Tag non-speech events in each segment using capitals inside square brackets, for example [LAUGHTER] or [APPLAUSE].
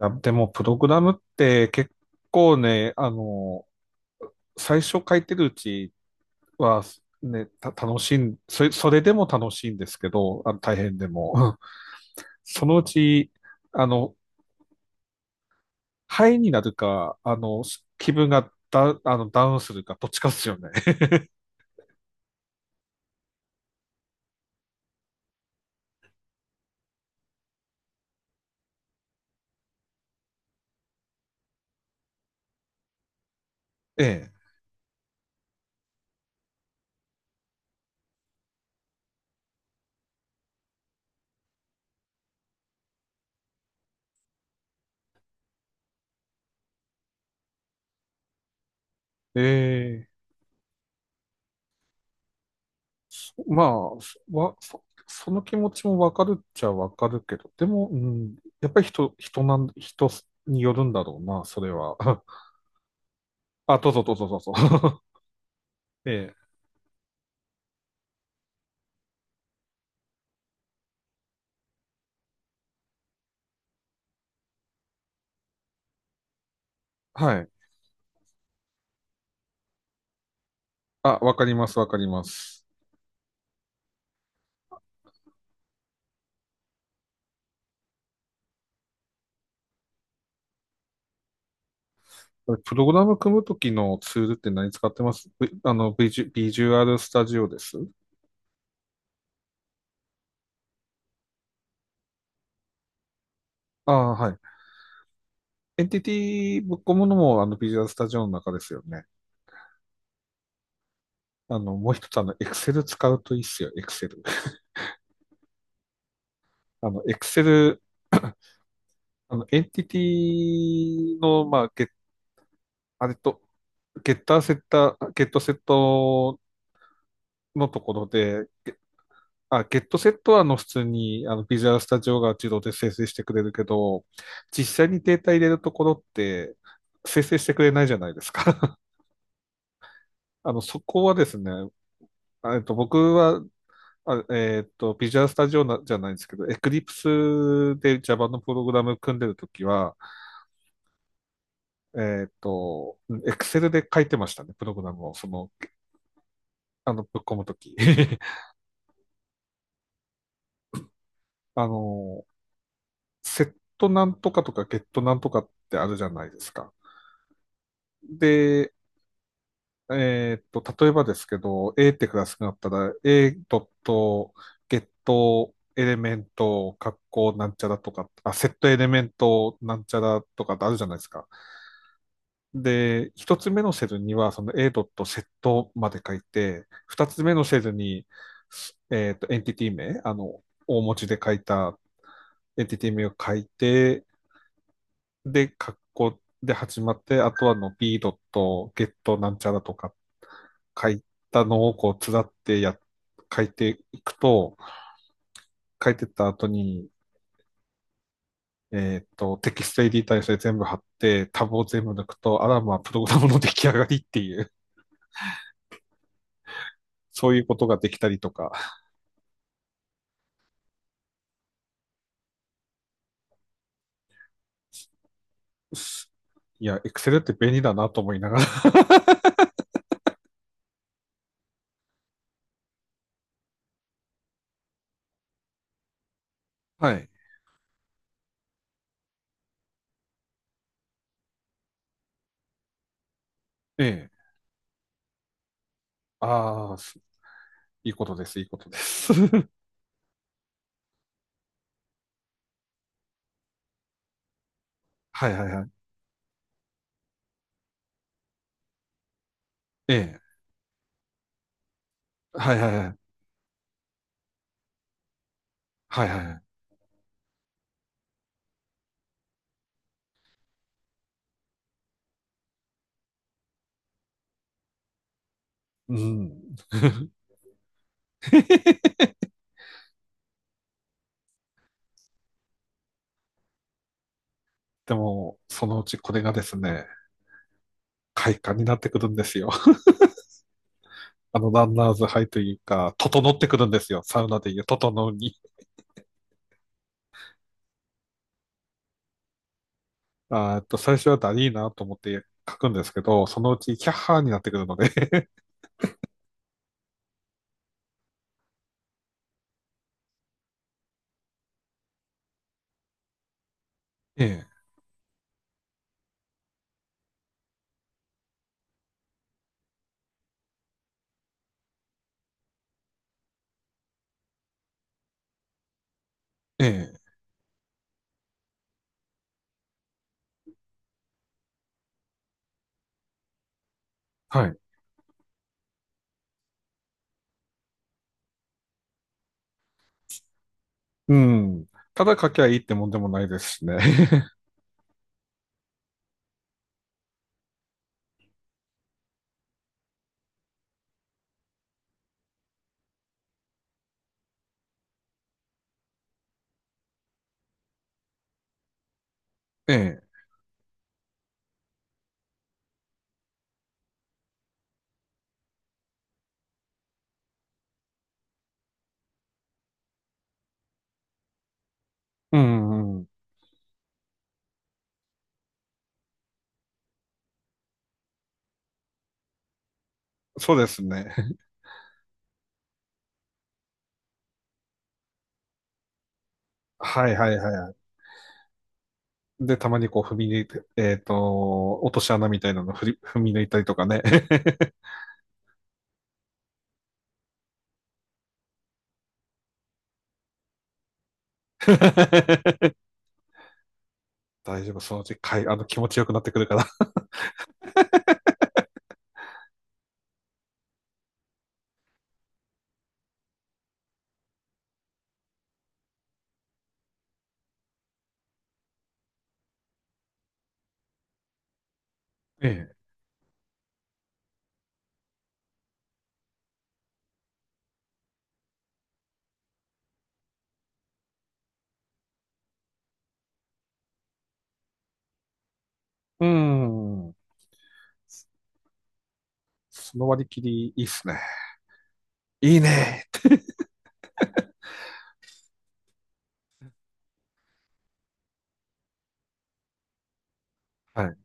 あ、でも、プログラムって結構、最初書いてるうちは、ね、た、楽しいん、それ、それでも楽しいんですけど、あの大変でも。うん。そのうち、あの、ハイになるか、気分がダ、あの、ダウンするか、どっちかですよね。[LAUGHS] ええ。ええ。まあ、そわ、そ、その気持ちもわかるっちゃわかるけど、でも、うん、やっぱり人によるんだろうな、それは。[LAUGHS] あ、どうぞどうぞどうぞ。[LAUGHS] ええ。はい。あ、わかります、わかります。プログラム組むときのツールって何使ってます v、あの、ビジュ、ビジュアルスタジオです。ああ、はい。エンティティぶっ込むのも、あの、ビジュアルスタジオの中ですよね。あの、もう一つ、あの、Excel 使うといいっすよ、Excel。あの、Excel、あの、エンティティの、まあ、ゲ、あれと、ゲッターセッター、ゲットセットのところで、あ、ゲットセットはあの普通にあのビジュアルスタジオが自動で生成してくれるけど、実際にデータ入れるところって生成してくれないじゃないですか。[LAUGHS] あの、そこはですね、僕は、ビジュアルスタジオなじゃないんですけど、Eclipse で Java のプログラム組んでるときは、えっと、Excel で書いてましたね、プログラムを、その、あの、ぶっ込むとき。[LAUGHS] あの、セットなんとかとかゲットなんとかってあるじゃないですか。で、えーっと、例えばですけど、A ってクラスがあったら、A.get エレメント、格好なんちゃらとか、あ、セットエレメントなんちゃらとかってあるじゃないですか。で、一つ目のセルには、その A s e t まで書いて、二つ目のセルに、えーっと、エンティティ名、あの、大文字で書いたエンティティ名を書いて、で、カッコで始まって、あとはの B ドット、ゲットなんちゃらとか書いたのをこう、つらってや、書いていくと、書いてった後に、えっと、テキストエディターにそれ全部貼って、タブを全部抜くと、あらまあ、プログラムの出来上がりっていう、[LAUGHS] そういうことができたりとか、いや、Excel って便利だなと思いながら。[LAUGHS] はい。ええ。ああ、いいことです、いいことです。[LAUGHS] はいはいはい。ええ。はいはいはい。はいはいはい。うん。[LAUGHS] [LAUGHS] でも、そのうちこれがですね、快感になってくるんですよ。[LAUGHS] あの、ランナーズハイというか、整ってくるんですよ。サウナでいう、整うに。[LAUGHS] あっと、最初はダリーなと思って書くんですけど、そのうちキャッハーになってくるので。[LAUGHS] ええ、ええ、はい。うん。ただ書きゃいいってもんでもないですしね。[LAUGHS] ええ、うん、うん。そうですね。[LAUGHS] はいはいはい。で、たまにこう踏み抜いて、えっと、落とし穴みたいなの振り踏み抜いたりとかね。[LAUGHS] 大丈夫、そのうちかい、あの、気持ちよくなってくるから。[LAUGHS] ええ。うん。その割り切り、いいっすね。いいねーって。はい。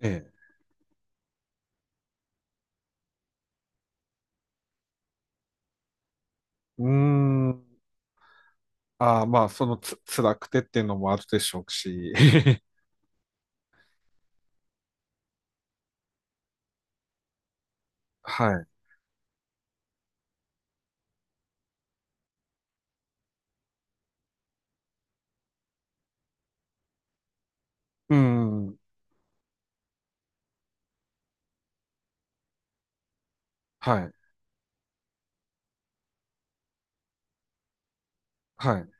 ええ。うーん。ああ、まあ、そのつ、辛くてっていうのもあるでしょうし。[LAUGHS] はい。うん。はい。はい。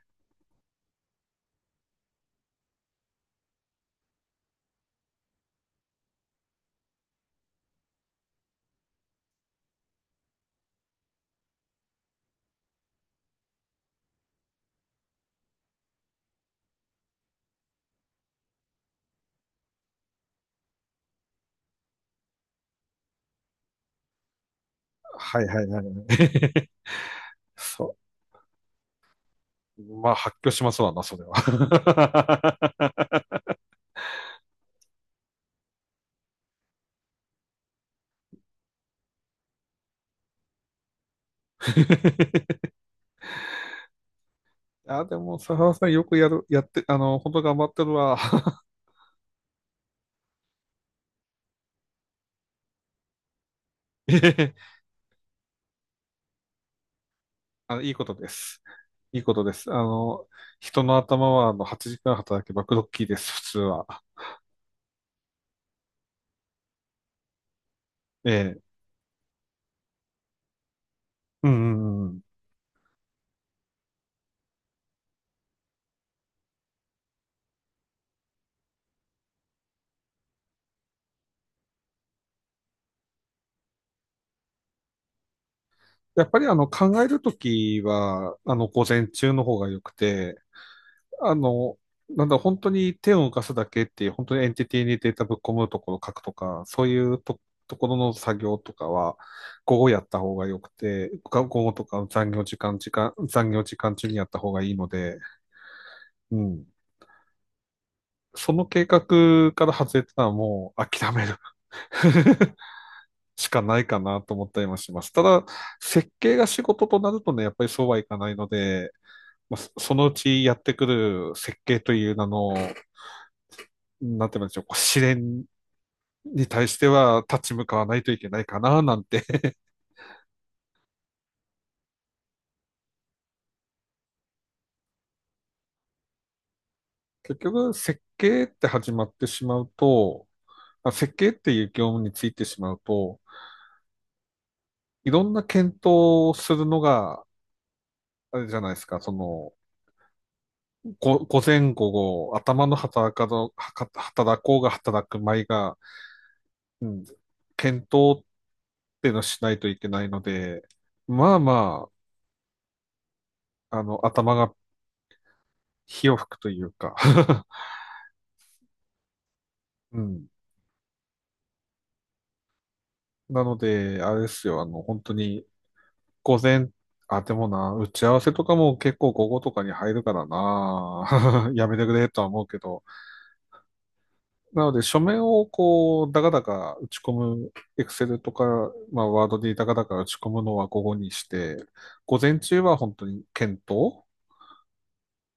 はい、はい、はいはい。[LAUGHS] そう。まあ、発狂しますわな、それは。[LAUGHS] あ、でも、佐原さんよくやる、やって、あの、本当頑張ってるわ。[LAUGHS] あの、いいことです。いいことです。あの、人の頭はあの8時間働けばクロッキーです、普通は。ええ。うんうんうんうん。やっぱりあの考えるときは、あの午前中の方が良くて、あの、なんだ、本当に手を動かすだけっていう、本当にエンティティにデータぶっ込むところを書くとか、そういうと、ところの作業とかは、午後やった方が良くて、が午後とか残業時間中にやった方がいいので、うん。その計画から外れたらもう諦める。[LAUGHS] しかないかなと思ったりもします。ただ、設計が仕事となるとね、やっぱりそうはいかないので、まあ、そのうちやってくる設計という名の、なんて言うんでしょう、こう試練に対しては立ち向かわないといけないかな、なんて。[LAUGHS] 結局、設計って始まってしまうと、まあ設計っていう業務についてしまうと、いろんな検討をするのが、あれじゃないですか、その、ご午前午後、頭の働かど、はか働こうが働く前が、うん、検討っていうのをしないといけないので、まあ、あの、頭が火を吹くというか。 [LAUGHS] うん。なので、あれですよ、あの、本当に、午前、あ、でもな、打ち合わせとかも結構午後とかに入るからな、[LAUGHS] やめてくれとは思うけど、なので、書面をこう、だかだか打ち込む、エクセルとか、まあ、ワードでだかだか打ち込むのは午後にして、午前中は本当に検討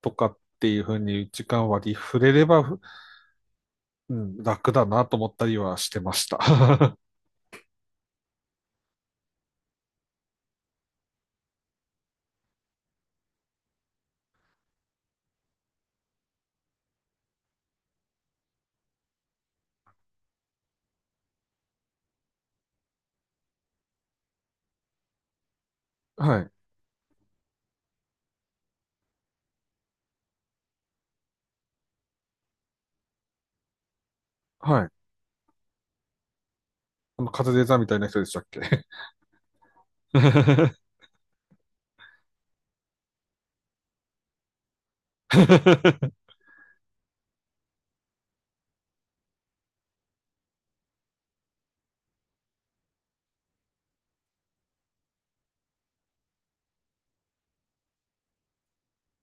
とかっていうふうに時間割り触れれば、うん、楽だなと思ったりはしてました。[LAUGHS] はい。はい。あの、カズレーザーみたいな人でしたっけ？ [LAUGHS]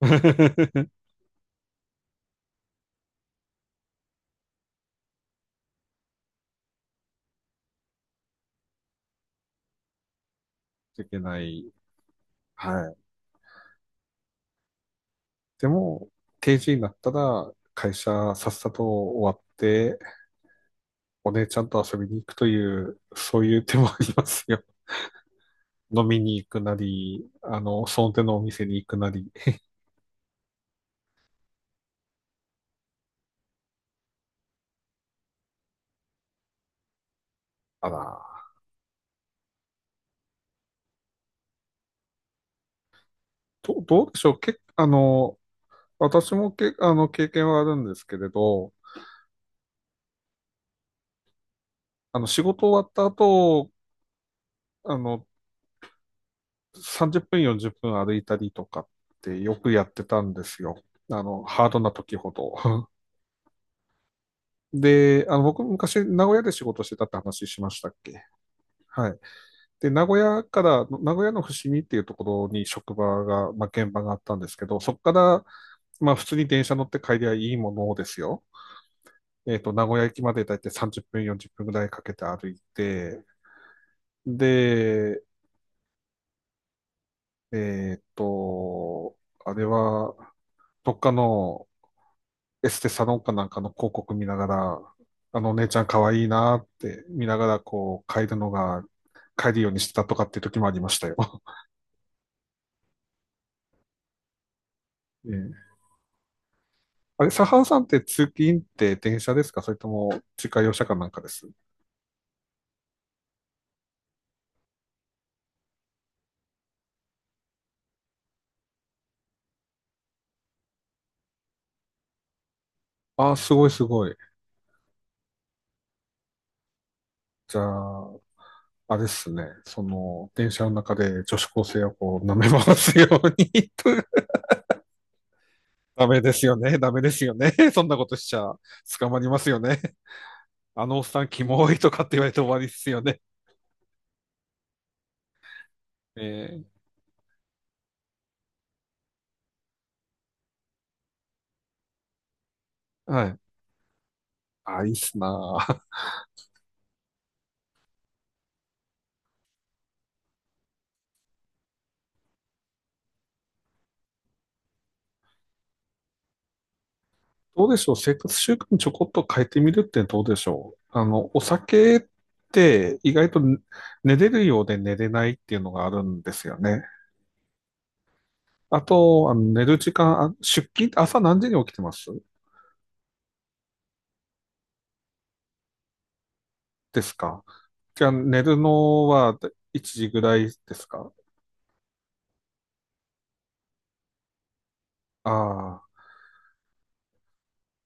[LAUGHS] いけない。はい。でも、定時になったら、会社さっさと終わって、お姉ちゃんと遊びに行くという、そういう手もありますよ。[LAUGHS] 飲みに行くなり、あの、その手のお店に行くなり。あら、どうでしょう。あの、私もけ、あの、経験はあるんですけれど、あの、仕事終わった後、あの、30分、40分歩いたりとかってよくやってたんですよ。あの、ハードな時ほど。[LAUGHS] で、あの、僕昔名古屋で仕事してたって話しましたっけ？はい。で、名古屋から、名古屋の伏見っていうところに職場が、まあ、現場があったんですけど、そこから、まあ、普通に電車乗って帰りゃいいものですよ。えっと、名古屋駅までだいたい30分、40分ぐらいかけて歩いて、で、えっと、あれは、どっかのエステサロンかなんかの広告見ながら、あのお姉ちゃん可愛いなって見ながらこう変えるのが、帰るようにしてたとかっていう時もありましたよ。[LAUGHS] ええ。あれ、サハンさんって通勤って電車ですか、それとも自家用車かなんかですああ、すごいすごい。じゃあ、あれですね。その、電車の中で女子高生をこう舐め回すように [LAUGHS] と。ダメですよね。ダメですよね。そんなことしちゃ捕まりますよね。あのおっさんキモいとかって言われて終わりですよね。えー、はい。あ、いいっすなあ。どうでしょう、生活習慣ちょこっと変えてみるって。どうでしょう、あの、お酒って意外とね、寝れるようで寝れないっていうのがあるんですよね。あと、あの寝る時間、あ、出勤、朝何時に起きてますですか？じゃあ寝るのは1時ぐらいですか？ああ、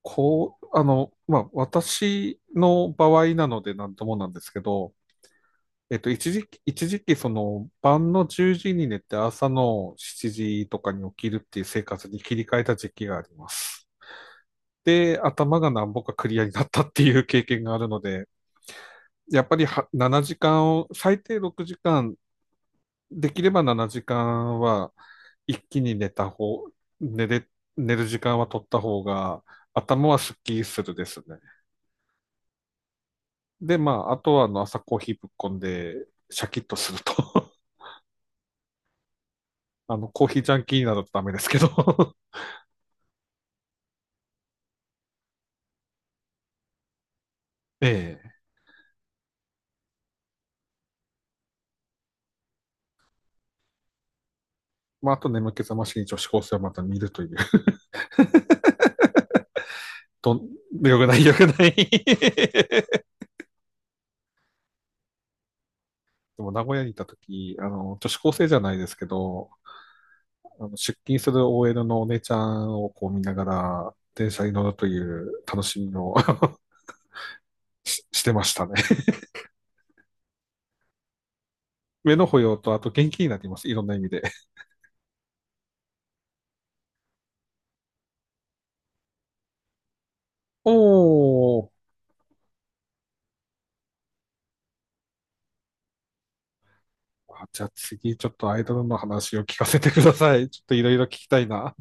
こう、あの、まあ、私の場合なのでなんともなんですけど、えっと、一時期、その、晩の10時に寝て朝の7時とかに起きるっていう生活に切り替えた時期があります。で、頭がなんぼかクリアになったっていう経験があるので、やっぱり7時間を、最低6時間、できれば7時間は一気に寝た方、寝れ、寝る時間は取った方が、頭はスッキリするですね。で、まあ、あとはあの朝コーヒーぶっこんで、シャキッとすると。あの、コーヒージャンキーなどとダメですけど。[LAUGHS] ええ。まあ、あと眠気覚ましに女子高生をまた見るという。と、よくない、よくない。[LAUGHS] でも、名古屋にいたとき、あの、女子高生じゃないですけど、あの出勤する OL のお姉ちゃんをこう見ながら、電車に乗るという楽しみを [LAUGHS] してましたね。目の保養と、あと元気になります。いろんな意味で。おー。じゃあ次、ちょっとアイドルの話を聞かせてください。ちょっといろいろ聞きたいな。